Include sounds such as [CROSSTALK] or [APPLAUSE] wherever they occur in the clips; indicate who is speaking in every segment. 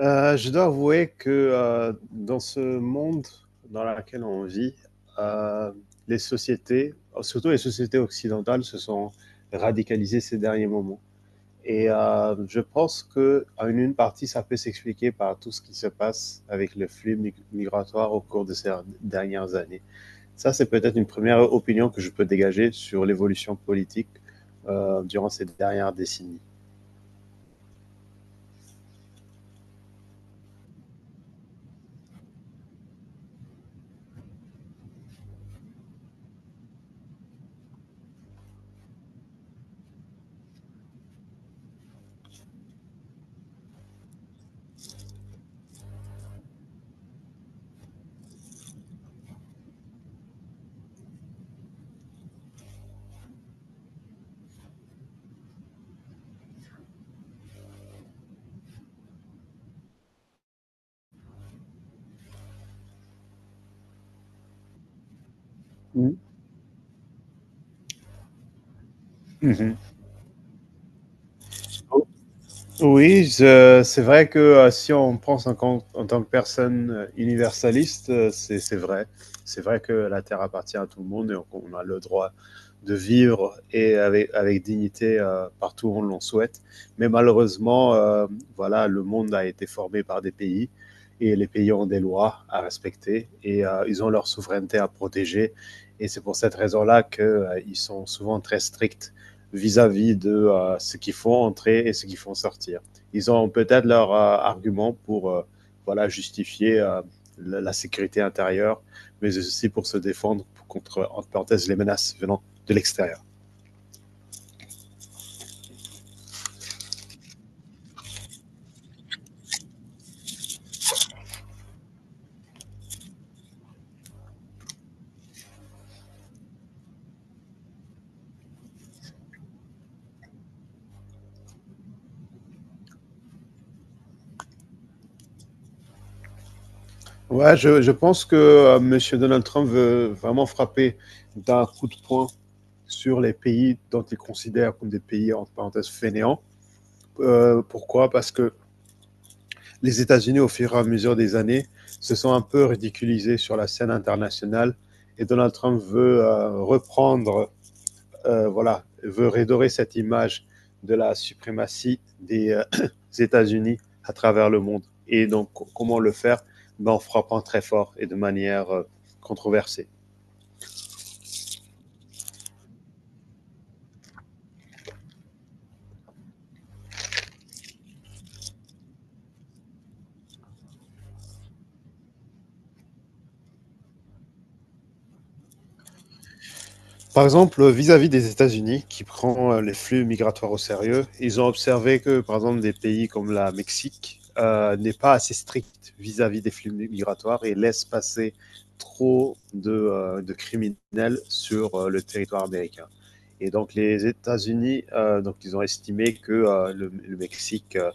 Speaker 1: Je dois avouer que dans ce monde dans lequel on vit, euh, les sociétés, surtout les sociétés occidentales, se sont radicalisées ces derniers moments. Et je pense que en une partie, ça peut s'expliquer par tout ce qui se passe avec le migratoire au cours de ces dernières années. Ça, c'est peut-être une première opinion que je peux dégager sur l'évolution politique durant ces dernières décennies. Mhm. Vous, oui, c'est vrai que si on pense en tant que personne universaliste, c'est vrai. C'est vrai que la Terre appartient à tout le monde et on a le droit de vivre et avec, avec dignité partout où on l'en souhaite. Mais malheureusement, voilà, le monde a été formé par des pays et les pays ont des lois à respecter et ils ont leur souveraineté à protéger. Et c'est pour cette raison-là qu'ils sont souvent très stricts vis-à-vis de ce qu'ils font entrer et ce qu'ils font sortir. Ils ont peut-être leur argument pour voilà, justifier la sécurité intérieure, mais aussi pour se défendre contre, entre parenthèses, les menaces venant de l'extérieur. Ouais, je pense que Monsieur M. Donald Trump veut vraiment frapper d'un coup de poing sur les pays dont il considère comme des pays, entre parenthèses, fainéants. Pourquoi? Parce que les États-Unis, au fur et à mesure des années, se sont un peu ridiculisés sur la scène internationale et Donald Trump veut reprendre, voilà, veut redorer cette image de la suprématie des [CLEARS THROAT] États-Unis à travers le monde. Et donc, comment le faire? Ben, en frappant très fort et de manière controversée. Par exemple, vis-à-vis des États-Unis, qui prend les flux migratoires au sérieux, ils ont observé que, par exemple, des pays comme la Mexique n'est pas assez strict vis-à-vis des flux migratoires et laisse passer trop de criminels sur le territoire américain. Et donc les États-Unis, donc ils ont estimé que le Mexique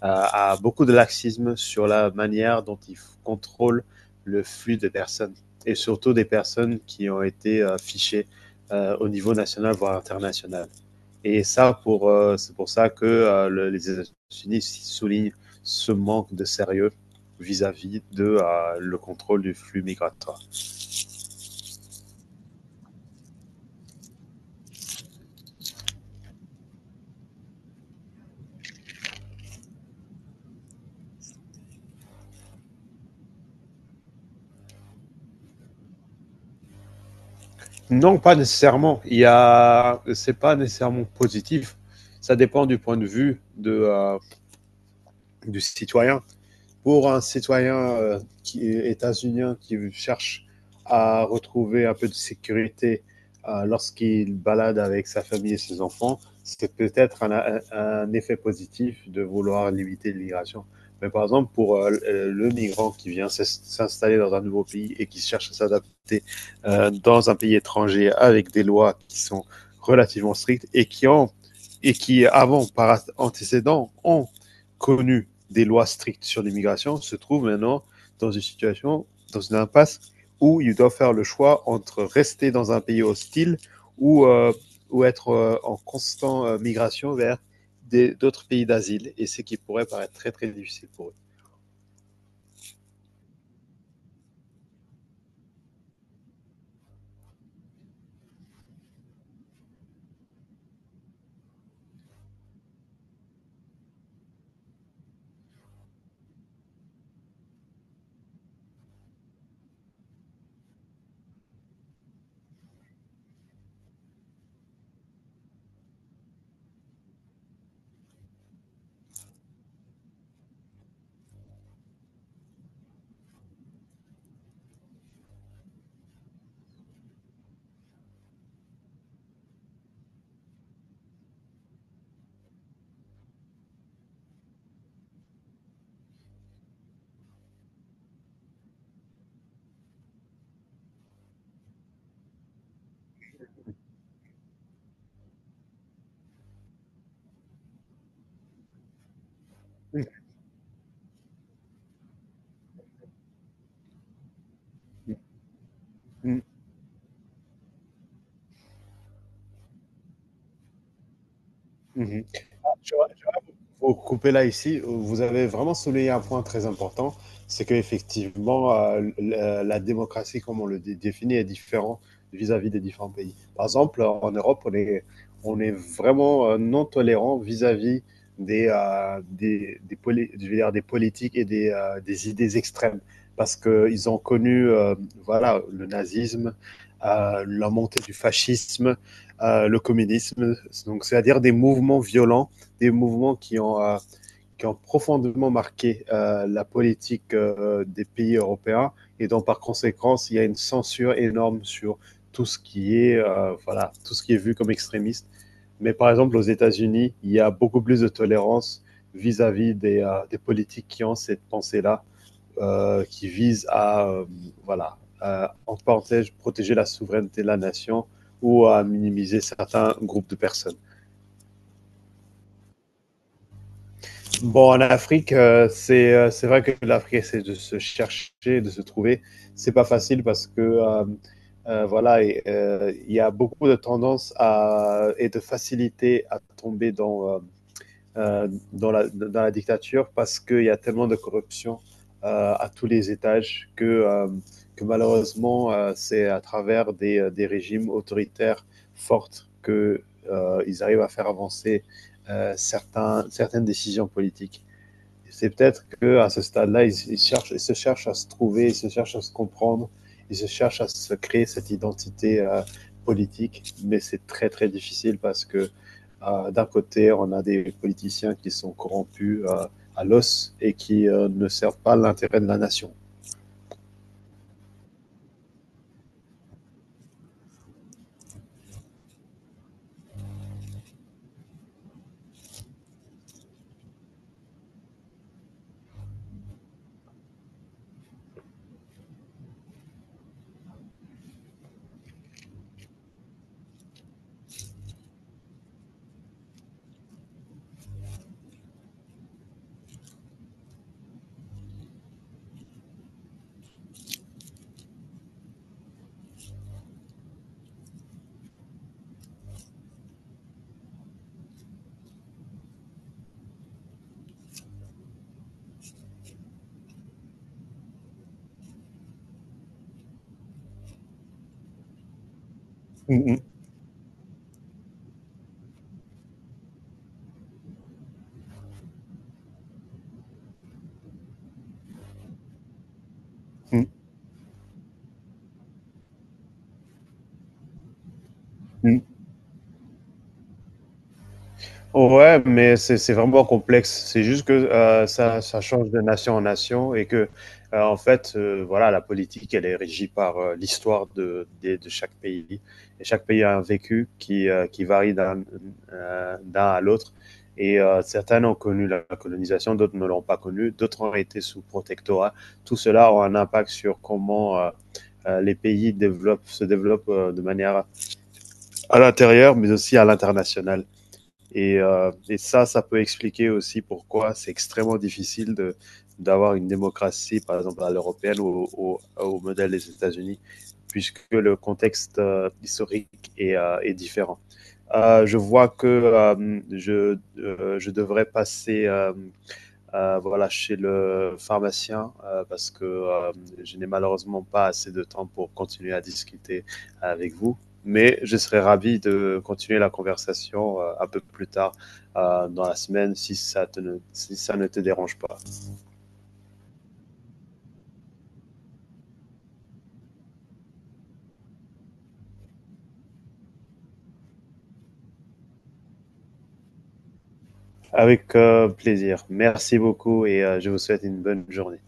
Speaker 1: a beaucoup de laxisme sur la manière dont il contrôle le flux des personnes et surtout des personnes qui ont été fichées au niveau national, voire international. Et ça, c'est pour ça que les États-Unis soulignent ce manque de sérieux vis-à-vis de le contrôle du flux migratoire. Non, pas nécessairement. Il y a, c'est pas nécessairement positif. Ça dépend du point de vue du citoyen. Pour un citoyen qui est états-unien qui cherche à retrouver un peu de sécurité lorsqu'il balade avec sa famille et ses enfants, c'est peut-être un effet positif de vouloir limiter l'immigration. Mais par exemple, pour le migrant qui vient s'installer dans un nouveau pays et qui cherche à s'adapter dans un pays étranger avec des lois qui sont relativement strictes et et qui avant, par antécédent, ont connu des lois strictes sur l'immigration, se trouve maintenant dans une situation, dans une impasse où ils doivent faire le choix entre rester dans un pays hostile ou, euh, ou être en constante migration vers d'autres pays d'asile. Et ce qui pourrait paraître très, très difficile pour eux. Tu vois, faut couper là ici. Vous avez vraiment souligné un point très important, c'est qu'effectivement, la démocratie, comme on le définit, est différente vis-à-vis des différents pays. Par exemple, en Europe, on est vraiment non tolérant vis-à-vis je veux dire, des politiques et des idées extrêmes, parce qu'ils ont connu voilà, le nazisme, la montée du fascisme, le communisme, donc c'est-à-dire des mouvements violents, des mouvements qui qui ont profondément marqué la politique des pays européens. Et donc, par conséquent, il y a une censure énorme sur tout ce qui est, voilà, tout ce qui est vu comme extrémiste. Mais par exemple, aux États-Unis, il y a beaucoup plus de tolérance vis-à-vis -vis des politiques qui ont cette pensée-là, qui vise voilà, à, en parenthèse, protéger la souveraineté de la nation ou à minimiser certains groupes de personnes. Bon, en Afrique, c'est vrai que l'Afrique c'est de se chercher, de se trouver. C'est pas facile parce que voilà, il y a beaucoup de tendance à, et de facilité à tomber euh, dans la dictature parce qu'il y a tellement de corruption à tous les étages que malheureusement, c'est à travers des régimes autoritaires fortes que, ils arrivent à faire avancer certaines décisions politiques. C'est peut-être que à ce stade-là, ils cherchent, ils se cherchent à se trouver, ils se cherchent à se comprendre, ils se cherchent à se créer cette identité politique, mais c'est très très difficile parce que d'un côté, on a des politiciens qui sont corrompus à l'os et qui ne servent pas l'intérêt de la nation. Mm, mm, mm. Ouais, mais c'est vraiment complexe. C'est juste que ça change de nation en nation et que, en fait, voilà, la politique, elle est régie par l'histoire de chaque pays. Et chaque pays a un vécu qui varie d'un d'un à l'autre. Et certains ont connu la colonisation, d'autres ne l'ont pas connue, d'autres ont été sous protectorat. Tout cela a un impact sur comment les pays développent, se développent de manière à l'intérieur, mais aussi à l'international. Et ça, ça peut expliquer aussi pourquoi c'est extrêmement difficile d'avoir une démocratie, par exemple, à l'européenne au modèle des États-Unis, puisque le contexte historique est différent. Je vois que je devrais passer voilà, chez le pharmacien parce que je n'ai malheureusement pas assez de temps pour continuer à discuter avec vous. Mais je serais ravi de continuer la conversation un peu plus tard dans la semaine si ça, te ne, si ça ne te dérange pas. Avec plaisir. Merci beaucoup et je vous souhaite une bonne journée.